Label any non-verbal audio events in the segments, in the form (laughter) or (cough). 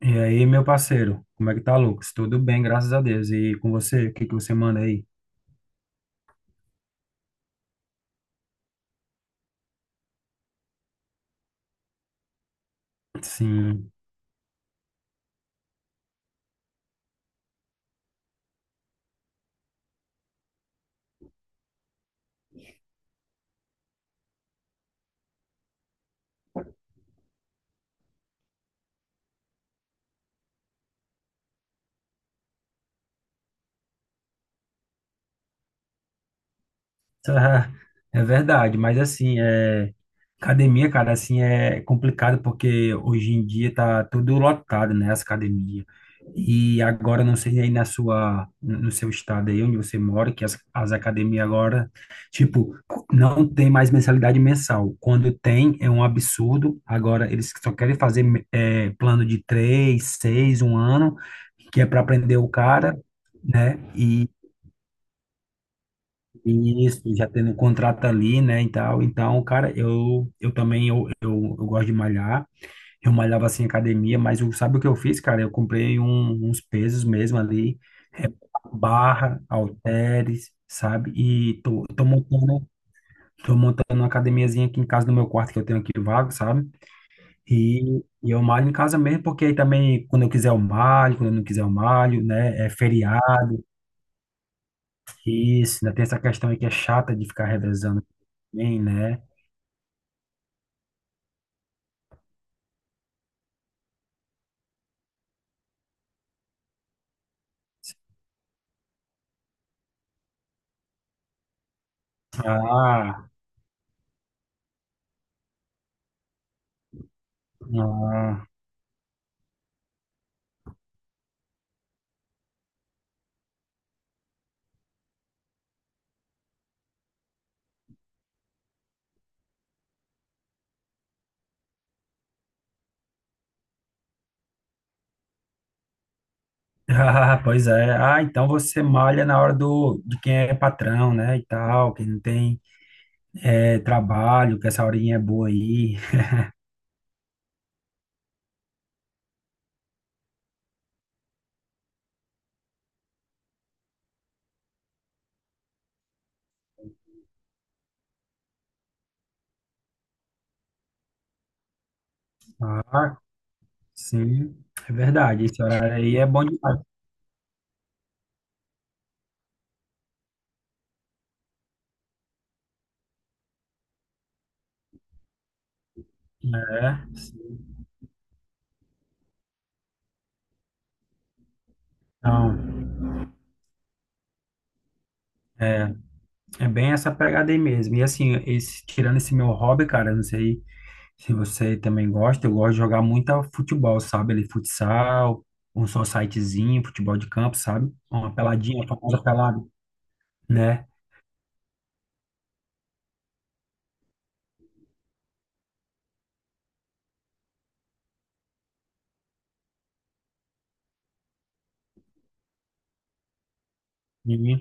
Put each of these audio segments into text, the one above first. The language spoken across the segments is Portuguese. E aí, meu parceiro, como é que tá, Lucas? Tudo bem, graças a Deus. E com você, o que que você manda aí? Sim. Ah, É verdade, mas assim, academia, cara, assim, é complicado porque hoje em dia tá tudo lotado, né, as academias. E agora, não sei aí na sua, no seu estado aí onde você mora, que as academias agora, tipo, não tem mais mensalidade mensal. Quando tem, é um absurdo. Agora, eles só querem fazer plano de três, seis, um ano, que é para prender o cara, né? Isso, já tendo um contrato ali, né, e tal. Então, cara, eu também, eu, eu gosto de malhar. Eu malhava, assim, em academia, mas eu, sabe o que eu fiz, cara? Eu comprei uns pesos mesmo ali, é, barra, halteres, sabe? E tô tô montando uma academiazinha aqui em casa, no meu quarto, que eu tenho aqui vago, sabe? E, eu malho em casa mesmo, porque aí também, quando eu quiser eu malho, quando eu não quiser eu malho, né? É feriado, isso, né? Tem essa questão aí que é chata de ficar revezando também, né? Ah, ah, (laughs) Ah, pois é. Ah, então você malha na hora do, de quem é patrão, né, e tal, quem não tem trabalho, que essa horinha é boa aí. Ah, sim, é verdade. Esse horário aí é bom demais. É, sim. Então, é, é bem essa pegada aí mesmo. E assim, esse, tirando esse meu hobby, cara, eu não sei se você também gosta. Eu gosto de jogar muito futebol, sabe? Ali, futsal, um societyzinho, futebol de campo, sabe? Uma peladinha, a famosa pelada, né? E- e-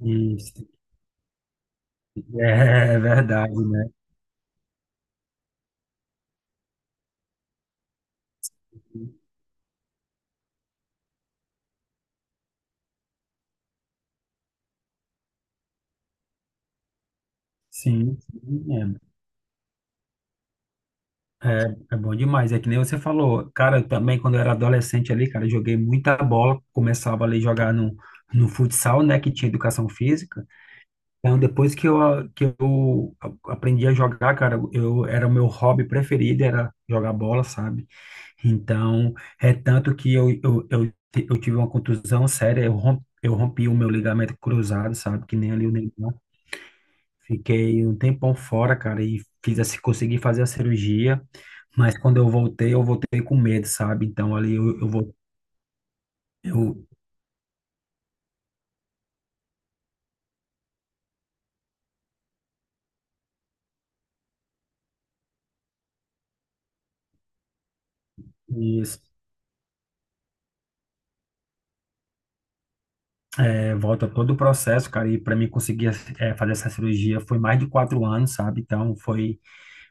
(laughs) É, é verdade, né? Sim, sim, é, é bom demais. É que nem você falou, cara, eu também quando eu era adolescente ali, cara, eu joguei muita bola, começava ali a jogar no futsal, né, que tinha educação física. Então, depois que que eu aprendi a jogar, cara, eu era o meu hobby preferido, era jogar bola, sabe? Então, é tanto que eu tive uma contusão séria, eu rompi o meu ligamento cruzado, sabe? Que nem ali o Neymar. Fiquei um tempão fora, cara, e consegui fazer a cirurgia, mas quando eu voltei com medo, sabe? Então, ali eu, isso. É, volta todo o processo, cara, e para mim conseguir fazer essa cirurgia foi mais de 4 anos, sabe? Então foi,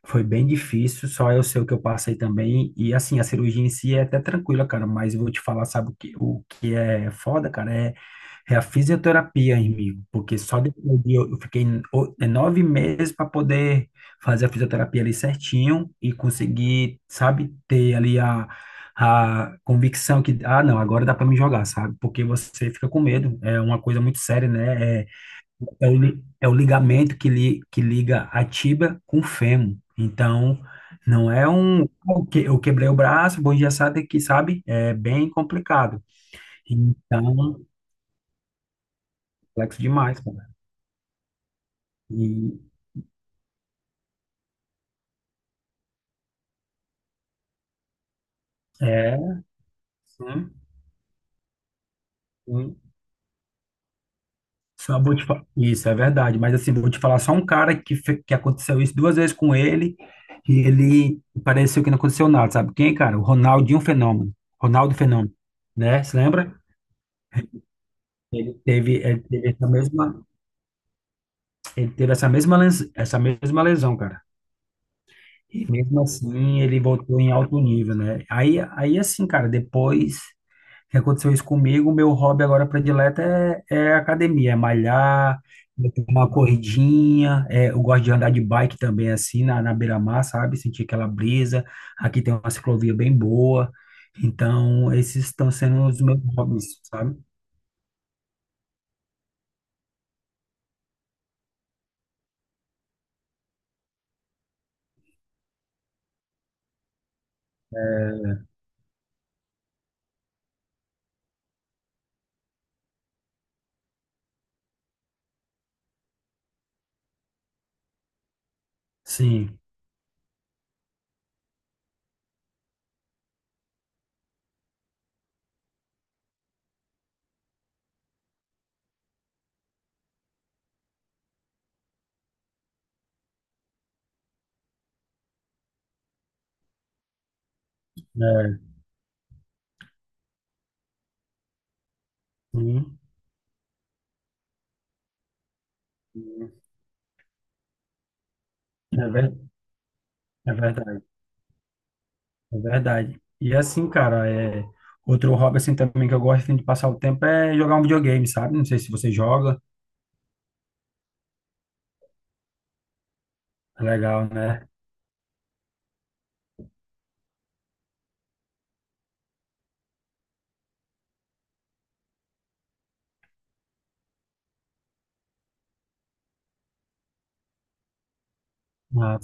foi bem difícil, só eu sei o que eu passei também. E assim, a cirurgia em si é até tranquila, cara, mas eu vou te falar, sabe o que é foda, cara? É a fisioterapia, amigo, porque só depois eu fiquei 9 meses para poder fazer a fisioterapia ali certinho e conseguir, sabe, ter ali a convicção que, ah, não, agora dá para me jogar, sabe? Porque você fica com medo, é uma coisa muito séria, né? É o ligamento que liga a tibia com o fêmur. Então, não é um, "Oh, eu quebrei o braço, bom dia, sabe? É bem complicado. Então, complexo demais, cara. E é, sim, sim. Só vou te fa- Isso é verdade, mas assim, vou te falar só um cara que, que aconteceu isso duas vezes com ele e ele pareceu que não aconteceu nada, sabe quem, cara? O Ronaldo Fenômeno, né? Se lembra? Teve, ele teve essa mesma, ele teve essa mesma, essa mesma lesão, cara. E mesmo assim, ele voltou em alto nível, né? Aí assim, cara, depois que aconteceu isso comigo, meu hobby agora predileto é, é academia, é malhar, é ter uma corridinha. É, eu gosto de andar de bike também, assim, na beira-mar, sabe? Sentir aquela brisa, aqui tem uma ciclovia bem boa, então esses estão sendo os meus hobbies, sabe? É, sim, é, sim, é, ver- é verdade, é verdade. E assim, cara, outro hobby assim também que eu gosto assim, de passar o tempo é jogar um videogame, sabe? Não sei se você joga, é legal, né? Ah,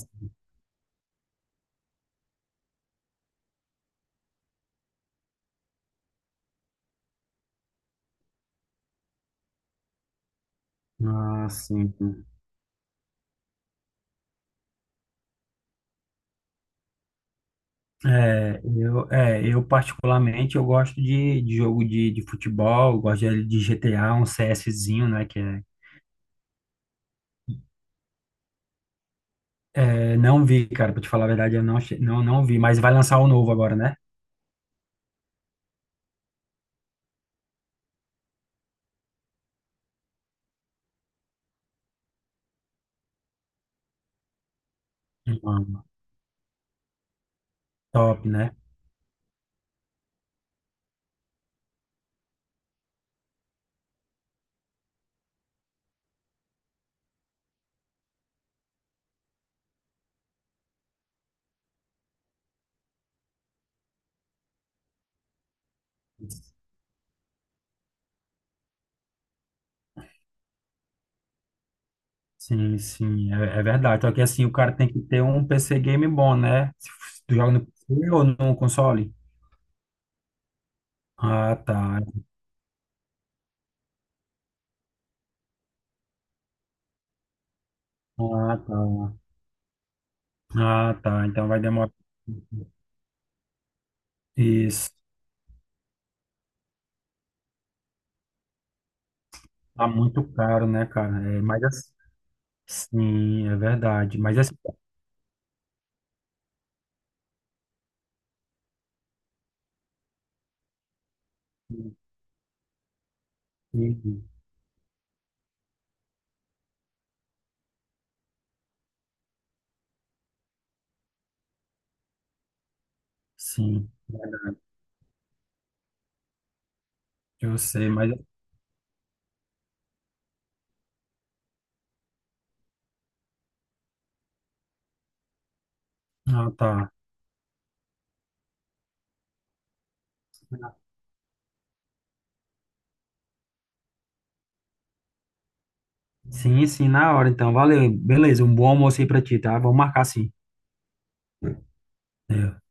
ah, sim. É, eu particularmente eu gosto de jogo de futebol, eu gosto de GTA, um CSzinho, né? Que é, é, não vi, cara, pra te falar a verdade, eu não, não vi, mas vai lançar o novo agora, né? Hum, top, né? Sim, sim, é, é verdade. Só que assim, o cara tem que ter um PC game bom, né? Se f- tu joga no PC ou no console? Ah, tá. Ah, tá. Ah, tá. Então vai demorar. Isso. Tá muito caro, né, cara? É, mas assim, sim, é verdade. Mas assim, sim, eu sei, mas. Ah, tá. Sim, sim, na hora, então. Valeu. Beleza, um bom almoço aí pra ti, tá? Vamos marcar sim. É,